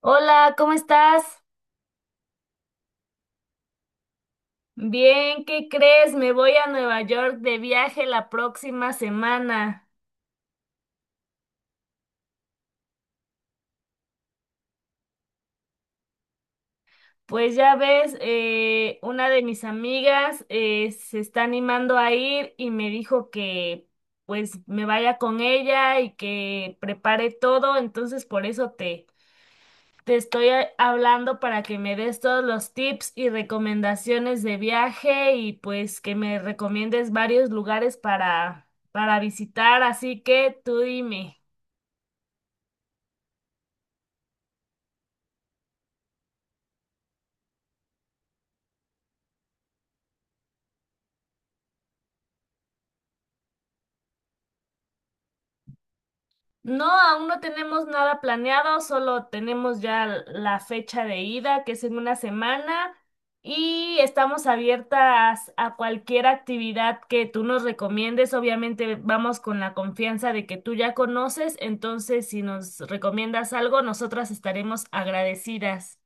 Hola, ¿cómo estás? Bien, ¿qué crees? Me voy a Nueva York de viaje la próxima semana. Pues ya ves, una de mis amigas se está animando a ir y me dijo que pues me vaya con ella y que prepare todo, entonces te estoy hablando para que me des todos los tips y recomendaciones de viaje y pues que me recomiendes varios lugares para visitar, así que tú dime. No, aún no tenemos nada planeado, solo tenemos ya la fecha de ida, que es en una semana, y estamos abiertas a cualquier actividad que tú nos recomiendes. Obviamente vamos con la confianza de que tú ya conoces, entonces si nos recomiendas algo, nosotras estaremos agradecidas.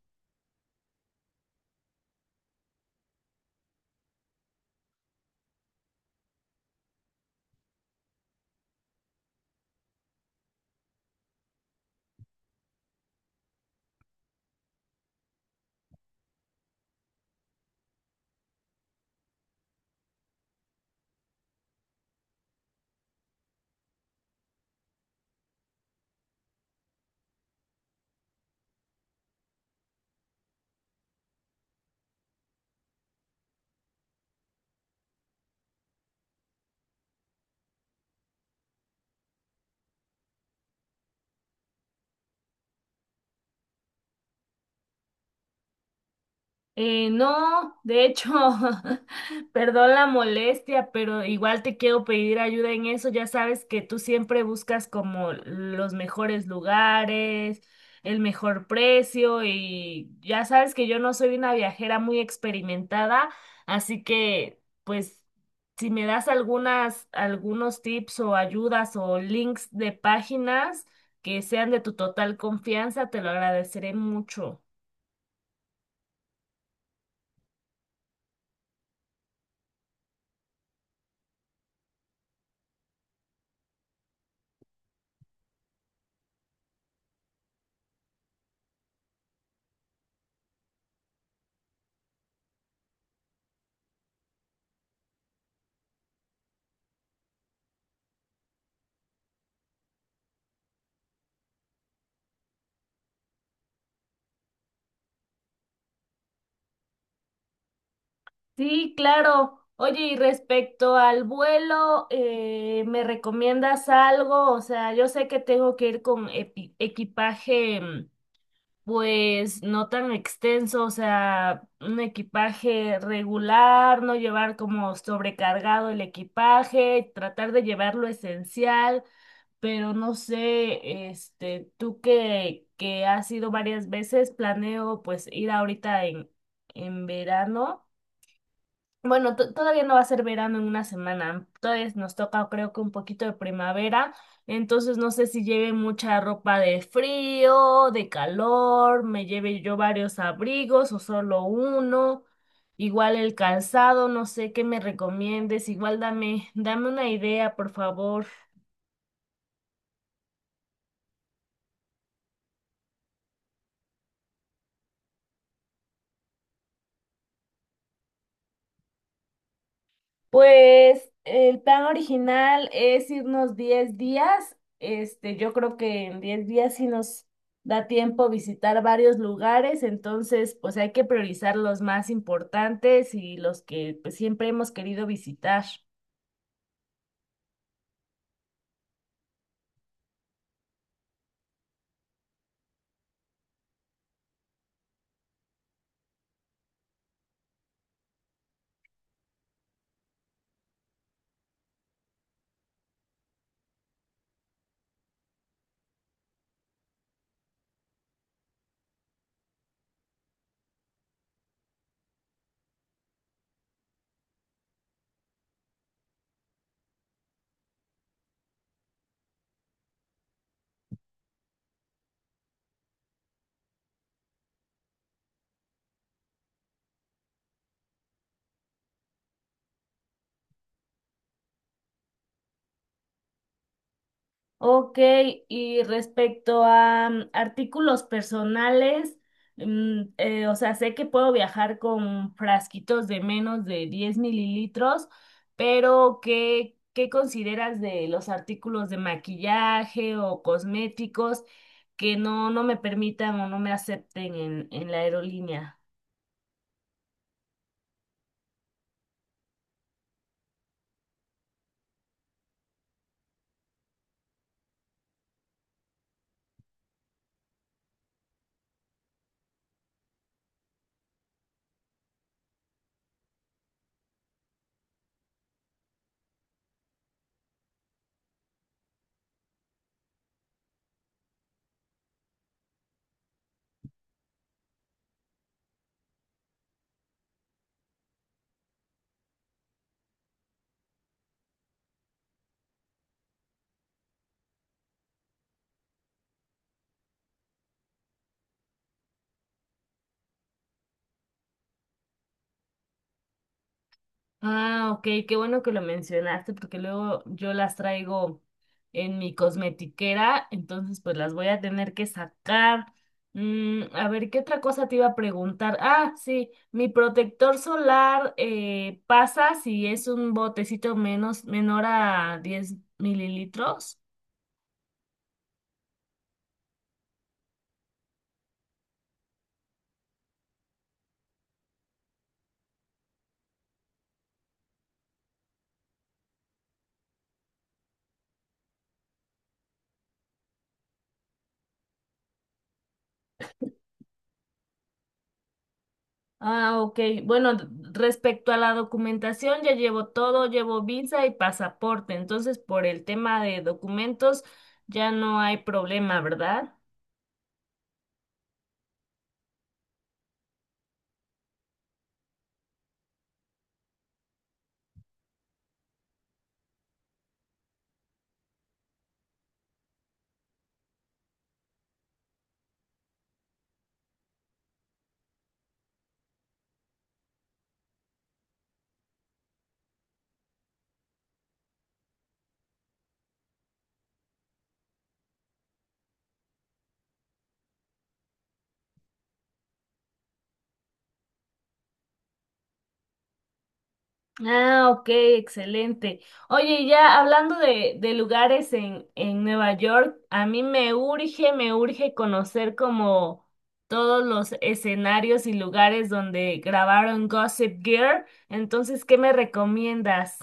No, de hecho, perdón la molestia, pero igual te quiero pedir ayuda en eso. Ya sabes que tú siempre buscas como los mejores lugares, el mejor precio y ya sabes que yo no soy una viajera muy experimentada, así que pues si me das algunos tips o ayudas o links de páginas que sean de tu total confianza, te lo agradeceré mucho. Sí, claro. Oye, y respecto al vuelo, ¿me recomiendas algo? O sea, yo sé que tengo que ir con equipaje, pues no tan extenso, o sea, un equipaje regular, no llevar como sobrecargado el equipaje, tratar de llevar lo esencial, pero no sé, este, que has ido varias veces, planeo pues ir ahorita en verano. Bueno, todavía no va a ser verano en una semana. Todavía nos toca, creo que un poquito de primavera. Entonces no sé si lleve mucha ropa de frío, de calor, me lleve yo varios abrigos o solo uno. Igual el calzado, no sé qué me recomiendes. Igual dame una idea, por favor. Pues el plan original es irnos 10 días. Este, yo creo que en 10 días sí nos da tiempo visitar varios lugares, entonces pues hay que priorizar los más importantes y los que pues, siempre hemos querido visitar. Ok, y respecto a artículos personales, o sea, sé que puedo viajar con frasquitos de menos de 10 ml, pero ¿ qué consideras de los artículos de maquillaje o cosméticos que no me permitan o no me acepten en la aerolínea? Ah, ok, qué bueno que lo mencionaste porque luego yo las traigo en mi cosmetiquera, entonces pues las voy a tener que sacar. Mm, a ver, ¿qué otra cosa te iba a preguntar? Ah, sí, mi protector solar pasa si es un botecito menor a 10 ml. Ah, ok. Bueno, respecto a la documentación, ya llevo todo, llevo visa y pasaporte. Entonces, por el tema de documentos, ya no hay problema, ¿verdad? Ah, ok, excelente. Oye, y ya hablando de lugares en Nueva York, a mí me urge conocer como todos los escenarios y lugares donde grabaron Gossip Girl. Entonces, ¿qué me recomiendas?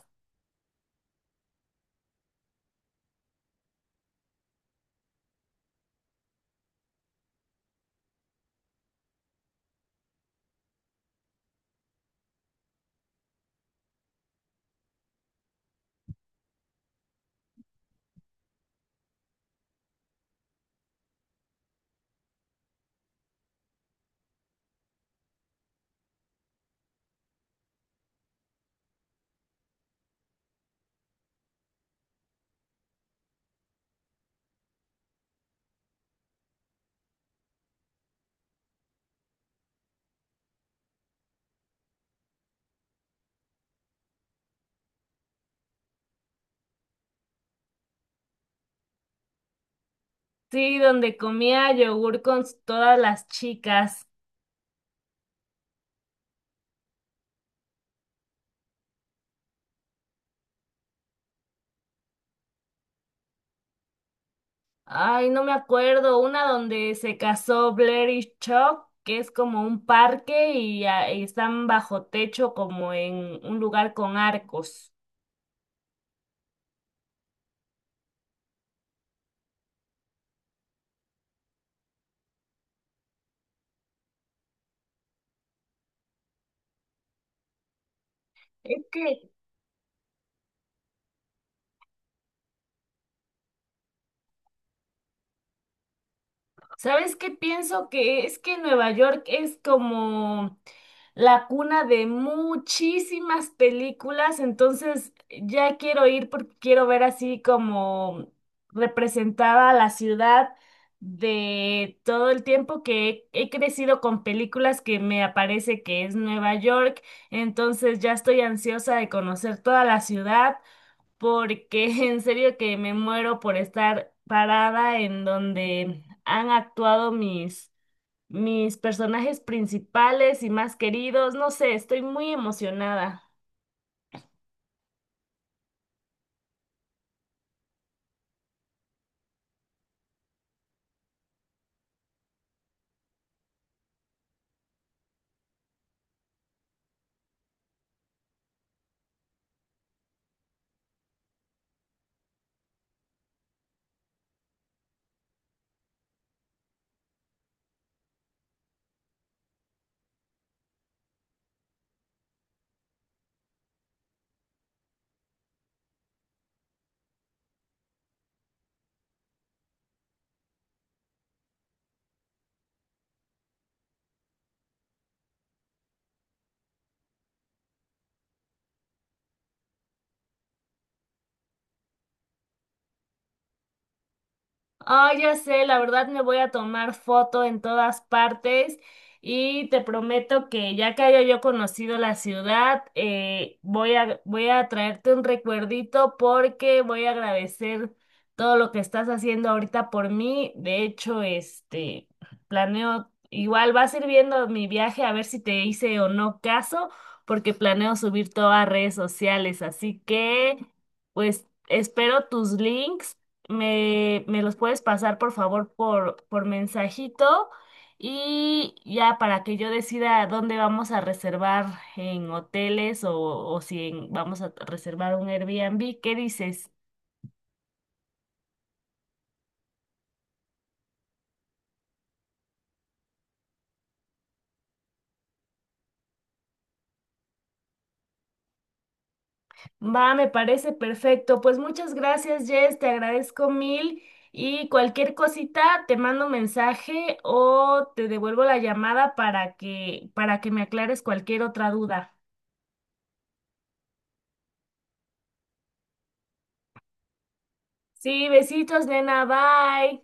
Sí, donde comía yogur con todas las chicas. Ay, no me acuerdo. Una donde se casó Blair y Chuck, que es como un parque y, ah, y están bajo techo como en un lugar con arcos. Es que ¿sabes qué pienso? Que es que Nueva York es como la cuna de muchísimas películas, entonces ya quiero ir porque quiero ver así como representada la ciudad de todo el tiempo que he crecido con películas que me aparece que es Nueva York, entonces ya estoy ansiosa de conocer toda la ciudad porque en serio que me muero por estar parada en donde han actuado mis personajes principales y más queridos. No sé, estoy muy emocionada. Ah, ya sé, la verdad me voy a tomar foto en todas partes y te prometo que ya que haya yo conocido la ciudad, voy a traerte un recuerdito porque voy a agradecer todo lo que estás haciendo ahorita por mí. De hecho, este, planeo, igual va a ir viendo mi viaje a ver si te hice o no caso, porque planeo subir todo a redes sociales, así que, pues, espero tus links me los puedes pasar por favor por mensajito y ya para que yo decida dónde vamos a reservar en hoteles o si vamos a reservar un Airbnb. ¿Qué dices? Va, me parece perfecto. Pues muchas gracias, Jess, te agradezco mil y cualquier cosita te mando mensaje o te devuelvo la llamada para que me aclares cualquier otra duda. Sí, besitos, nena, bye.